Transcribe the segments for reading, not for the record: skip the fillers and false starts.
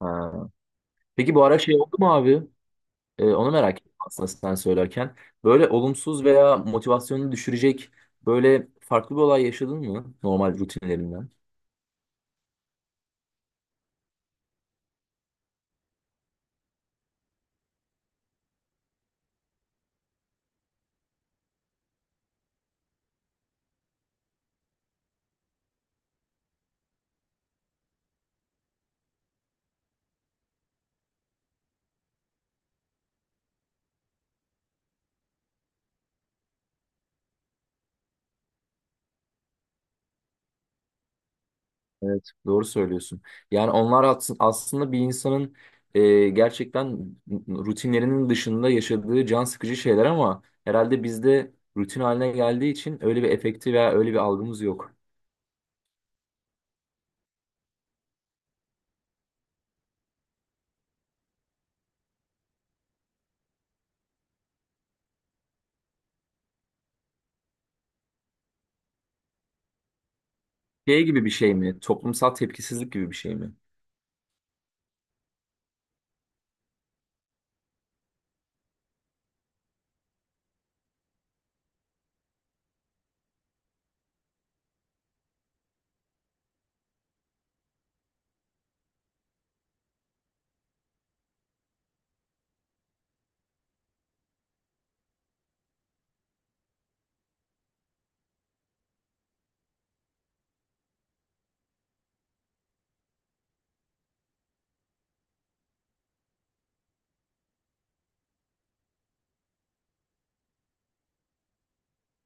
Ha. Peki bu ara şey oldu mu abi? Onu merak ettim aslında sen söylerken. Böyle olumsuz veya motivasyonunu düşürecek böyle farklı bir olay yaşadın mı normal rutinlerinden? Evet. Doğru söylüyorsun. Yani onlar aslında bir insanın gerçekten rutinlerinin dışında yaşadığı can sıkıcı şeyler ama herhalde bizde rutin haline geldiği için öyle bir efekti veya öyle bir algımız yok. Şey gibi bir şey mi? Toplumsal tepkisizlik gibi bir şey mi?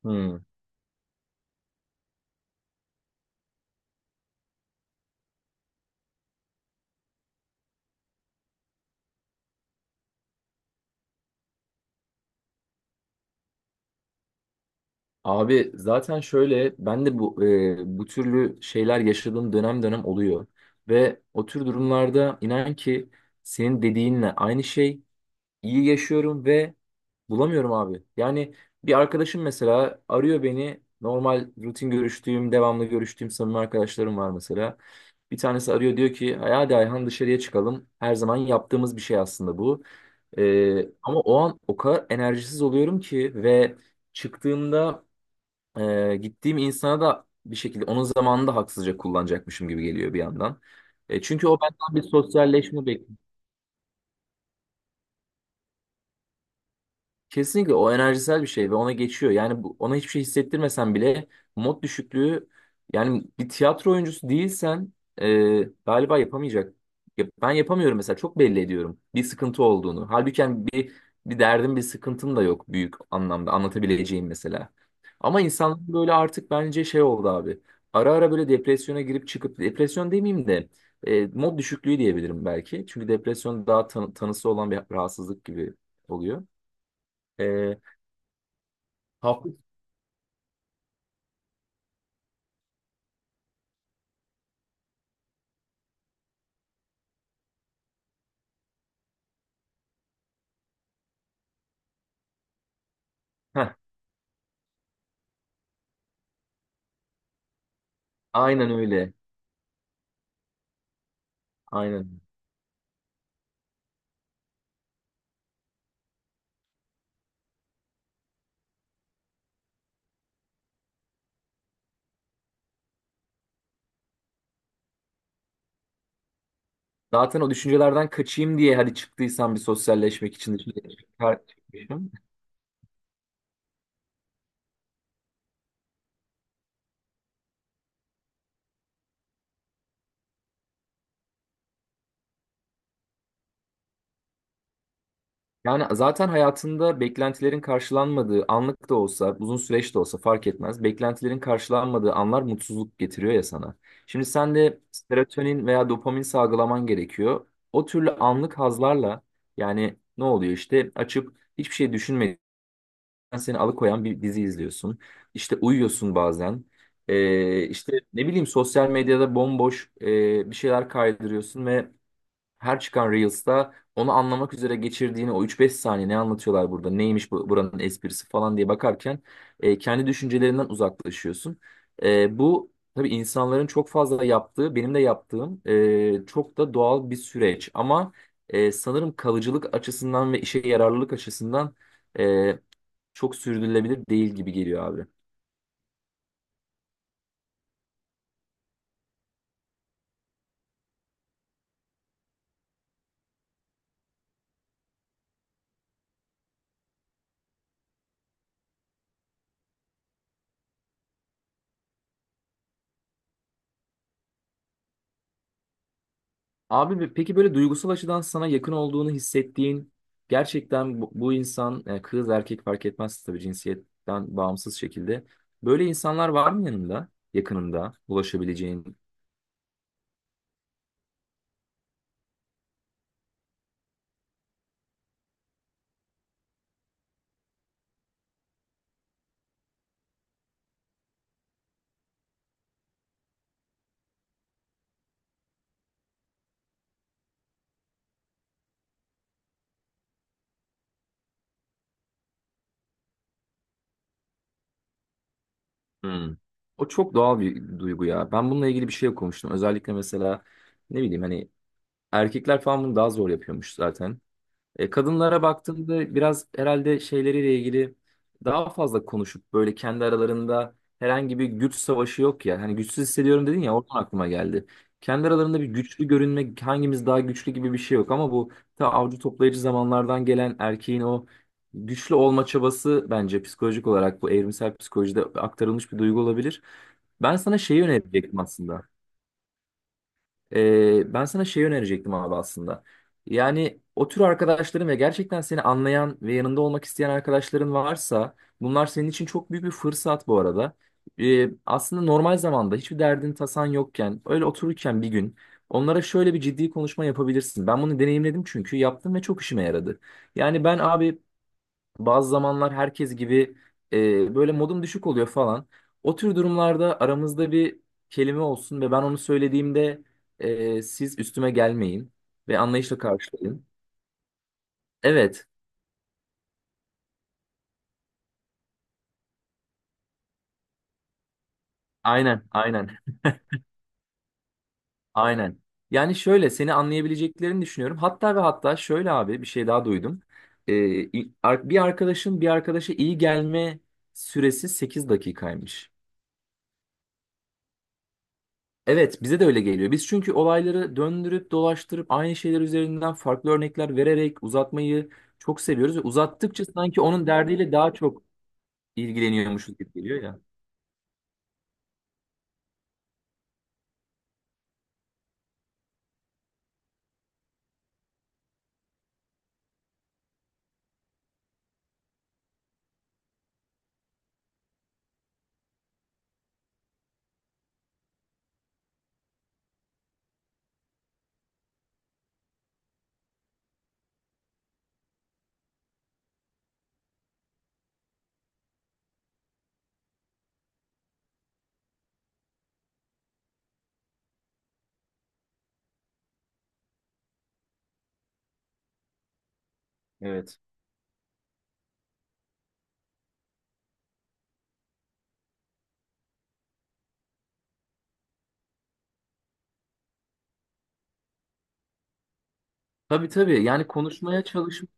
Hmm. Abi zaten şöyle ben de bu türlü şeyler yaşadığım dönem dönem oluyor. Ve o tür durumlarda inan ki senin dediğinle aynı şey iyi yaşıyorum ve bulamıyorum abi. Yani bir arkadaşım mesela arıyor beni normal rutin görüştüğüm devamlı görüştüğüm samimi arkadaşlarım var mesela. Bir tanesi arıyor diyor ki hadi Ayhan dışarıya çıkalım. Her zaman yaptığımız bir şey aslında bu. Ama o an o kadar enerjisiz oluyorum ki ve çıktığımda gittiğim insana da bir şekilde onun zamanını da haksızca kullanacakmışım gibi geliyor bir yandan. Çünkü o benden bir sosyalleşme. Kesinlikle o enerjisel bir şey ve ona geçiyor. Yani bu, ona hiçbir şey hissettirmesen bile mod düşüklüğü, yani bir tiyatro oyuncusu değilsen galiba yapamayacak. Ya ben yapamıyorum mesela, çok belli ediyorum bir sıkıntı olduğunu. Halbuki yani bir derdim bir sıkıntım da yok büyük anlamda anlatabileceğim mesela. Ama insan böyle artık bence şey oldu abi. Ara ara böyle depresyona girip çıkıp, depresyon demeyeyim de mod düşüklüğü diyebilirim belki. Çünkü depresyon daha tanısı olan bir rahatsızlık gibi oluyor. Hafif. Heh, aynen öyle. Aynen. Zaten o düşüncelerden kaçayım diye hadi çıktıysam bir sosyalleşmek için dışarı çıkmışım. Yani zaten hayatında beklentilerin karşılanmadığı, anlık da olsa, uzun süreç de olsa fark etmez. Beklentilerin karşılanmadığı anlar mutsuzluk getiriyor ya sana. Şimdi sen de serotonin veya dopamin salgılaman gerekiyor. O türlü anlık hazlarla, yani ne oluyor işte, açıp hiçbir şey düşünmediğin, seni alıkoyan bir dizi izliyorsun. İşte uyuyorsun bazen. İşte ne bileyim, sosyal medyada bomboş bir şeyler kaydırıyorsun ve her çıkan Reels'ta onu anlamak üzere geçirdiğini o üç beş saniye, ne anlatıyorlar burada, neymiş bu, buranın esprisi falan diye bakarken kendi düşüncelerinden uzaklaşıyorsun. Bu tabii insanların çok fazla yaptığı, benim de yaptığım çok da doğal bir süreç ama sanırım kalıcılık açısından ve işe yararlılık açısından e, çok sürdürülebilir değil gibi geliyor abi. Abi peki böyle duygusal açıdan sana yakın olduğunu hissettiğin, gerçekten bu insan, kız erkek fark etmez tabii, cinsiyetten bağımsız şekilde. Böyle insanlar var mı yanında, yakınında ulaşabileceğin? Hmm. O çok doğal bir duygu ya. Ben bununla ilgili bir şey okumuştum. Özellikle mesela ne bileyim, hani erkekler falan bunu daha zor yapıyormuş zaten. Kadınlara baktığımda biraz herhalde şeyleriyle ilgili daha fazla konuşup böyle kendi aralarında herhangi bir güç savaşı yok ya. Hani güçsüz hissediyorum dedin ya, oradan aklıma geldi. Kendi aralarında bir güçlü görünme, hangimiz daha güçlü gibi bir şey yok, ama bu ta avcı toplayıcı zamanlardan gelen erkeğin o güçlü olma çabası bence psikolojik olarak, bu evrimsel psikolojide aktarılmış bir duygu olabilir. Ben sana şeyi önerecektim aslında. Ben sana şey önerecektim abi aslında. Yani o tür arkadaşların ve gerçekten seni anlayan ve yanında olmak isteyen arkadaşların varsa, bunlar senin için çok büyük bir fırsat bu arada. Aslında normal zamanda hiçbir derdin tasan yokken öyle otururken bir gün onlara şöyle bir ciddi konuşma yapabilirsin. Ben bunu deneyimledim, çünkü yaptım ve çok işime yaradı. Yani ben abi, bazı zamanlar herkes gibi böyle modum düşük oluyor falan. O tür durumlarda aramızda bir kelime olsun ve ben onu söylediğimde siz üstüme gelmeyin ve anlayışla karşılayın. Evet, aynen, aynen, aynen. Yani şöyle, seni anlayabileceklerini düşünüyorum. Hatta ve hatta şöyle abi, bir şey daha duydum. E, Bir arkadaşın bir arkadaşa iyi gelme süresi 8 dakikaymış. Evet, bize de öyle geliyor. Biz çünkü olayları döndürüp dolaştırıp aynı şeyler üzerinden farklı örnekler vererek uzatmayı çok seviyoruz ve uzattıkça sanki onun derdiyle daha çok ilgileniyormuşuz gibi geliyor ya. Evet. Tabii tabii. Yani konuşmaya çalışma.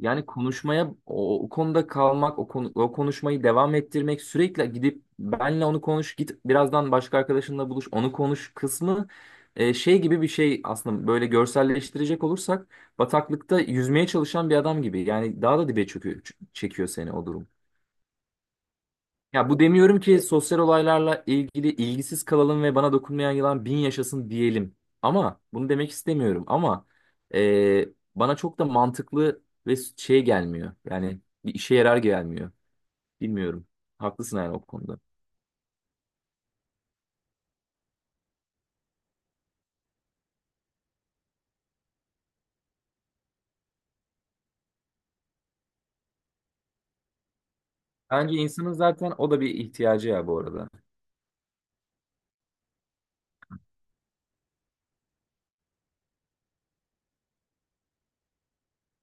Yani konuşmaya, o konuda kalmak, o konuşmayı devam ettirmek, sürekli gidip benle onu konuş, git birazdan başka arkadaşınla buluş, onu konuş kısmı şey gibi bir şey aslında, böyle görselleştirecek olursak, bataklıkta yüzmeye çalışan bir adam gibi. Yani daha da dibe çöküyor, çekiyor seni o durum. Ya bu demiyorum ki sosyal olaylarla ilgili ilgisiz kalalım ve bana dokunmayan yılan bin yaşasın diyelim. Ama bunu demek istemiyorum. Ama e, bana çok da mantıklı ve şey gelmiyor. Yani bir işe yarar gelmiyor. Bilmiyorum. Haklısın yani o konuda. Bence insanın zaten o da bir ihtiyacı ya bu arada.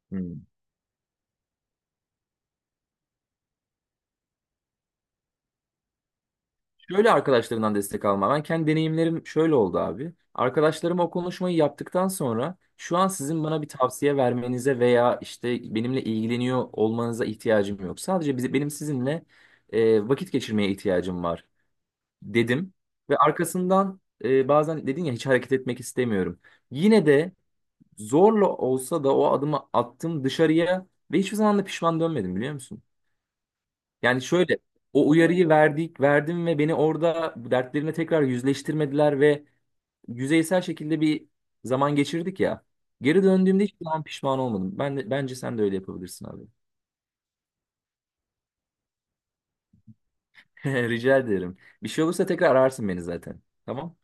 Hmm. Şöyle, arkadaşlarından destek alma. Ben kendi deneyimlerim şöyle oldu abi. Arkadaşlarım o konuşmayı yaptıktan sonra, şu an sizin bana bir tavsiye vermenize veya işte benimle ilgileniyor olmanıza ihtiyacım yok. Sadece benim sizinle vakit geçirmeye ihtiyacım var dedim. Ve arkasından bazen dedin ya, hiç hareket etmek istemiyorum. Yine de zorla olsa da o adımı attım dışarıya ve hiçbir zaman da pişman dönmedim, biliyor musun? Yani şöyle, verdim ve beni orada dertlerine tekrar yüzleştirmediler ve yüzeysel şekilde bir zaman geçirdik ya. Geri döndüğümde hiçbir zaman pişman olmadım. Bence sen de öyle yapabilirsin abi. Rica ederim. Bir şey olursa tekrar ararsın beni zaten. Tamam?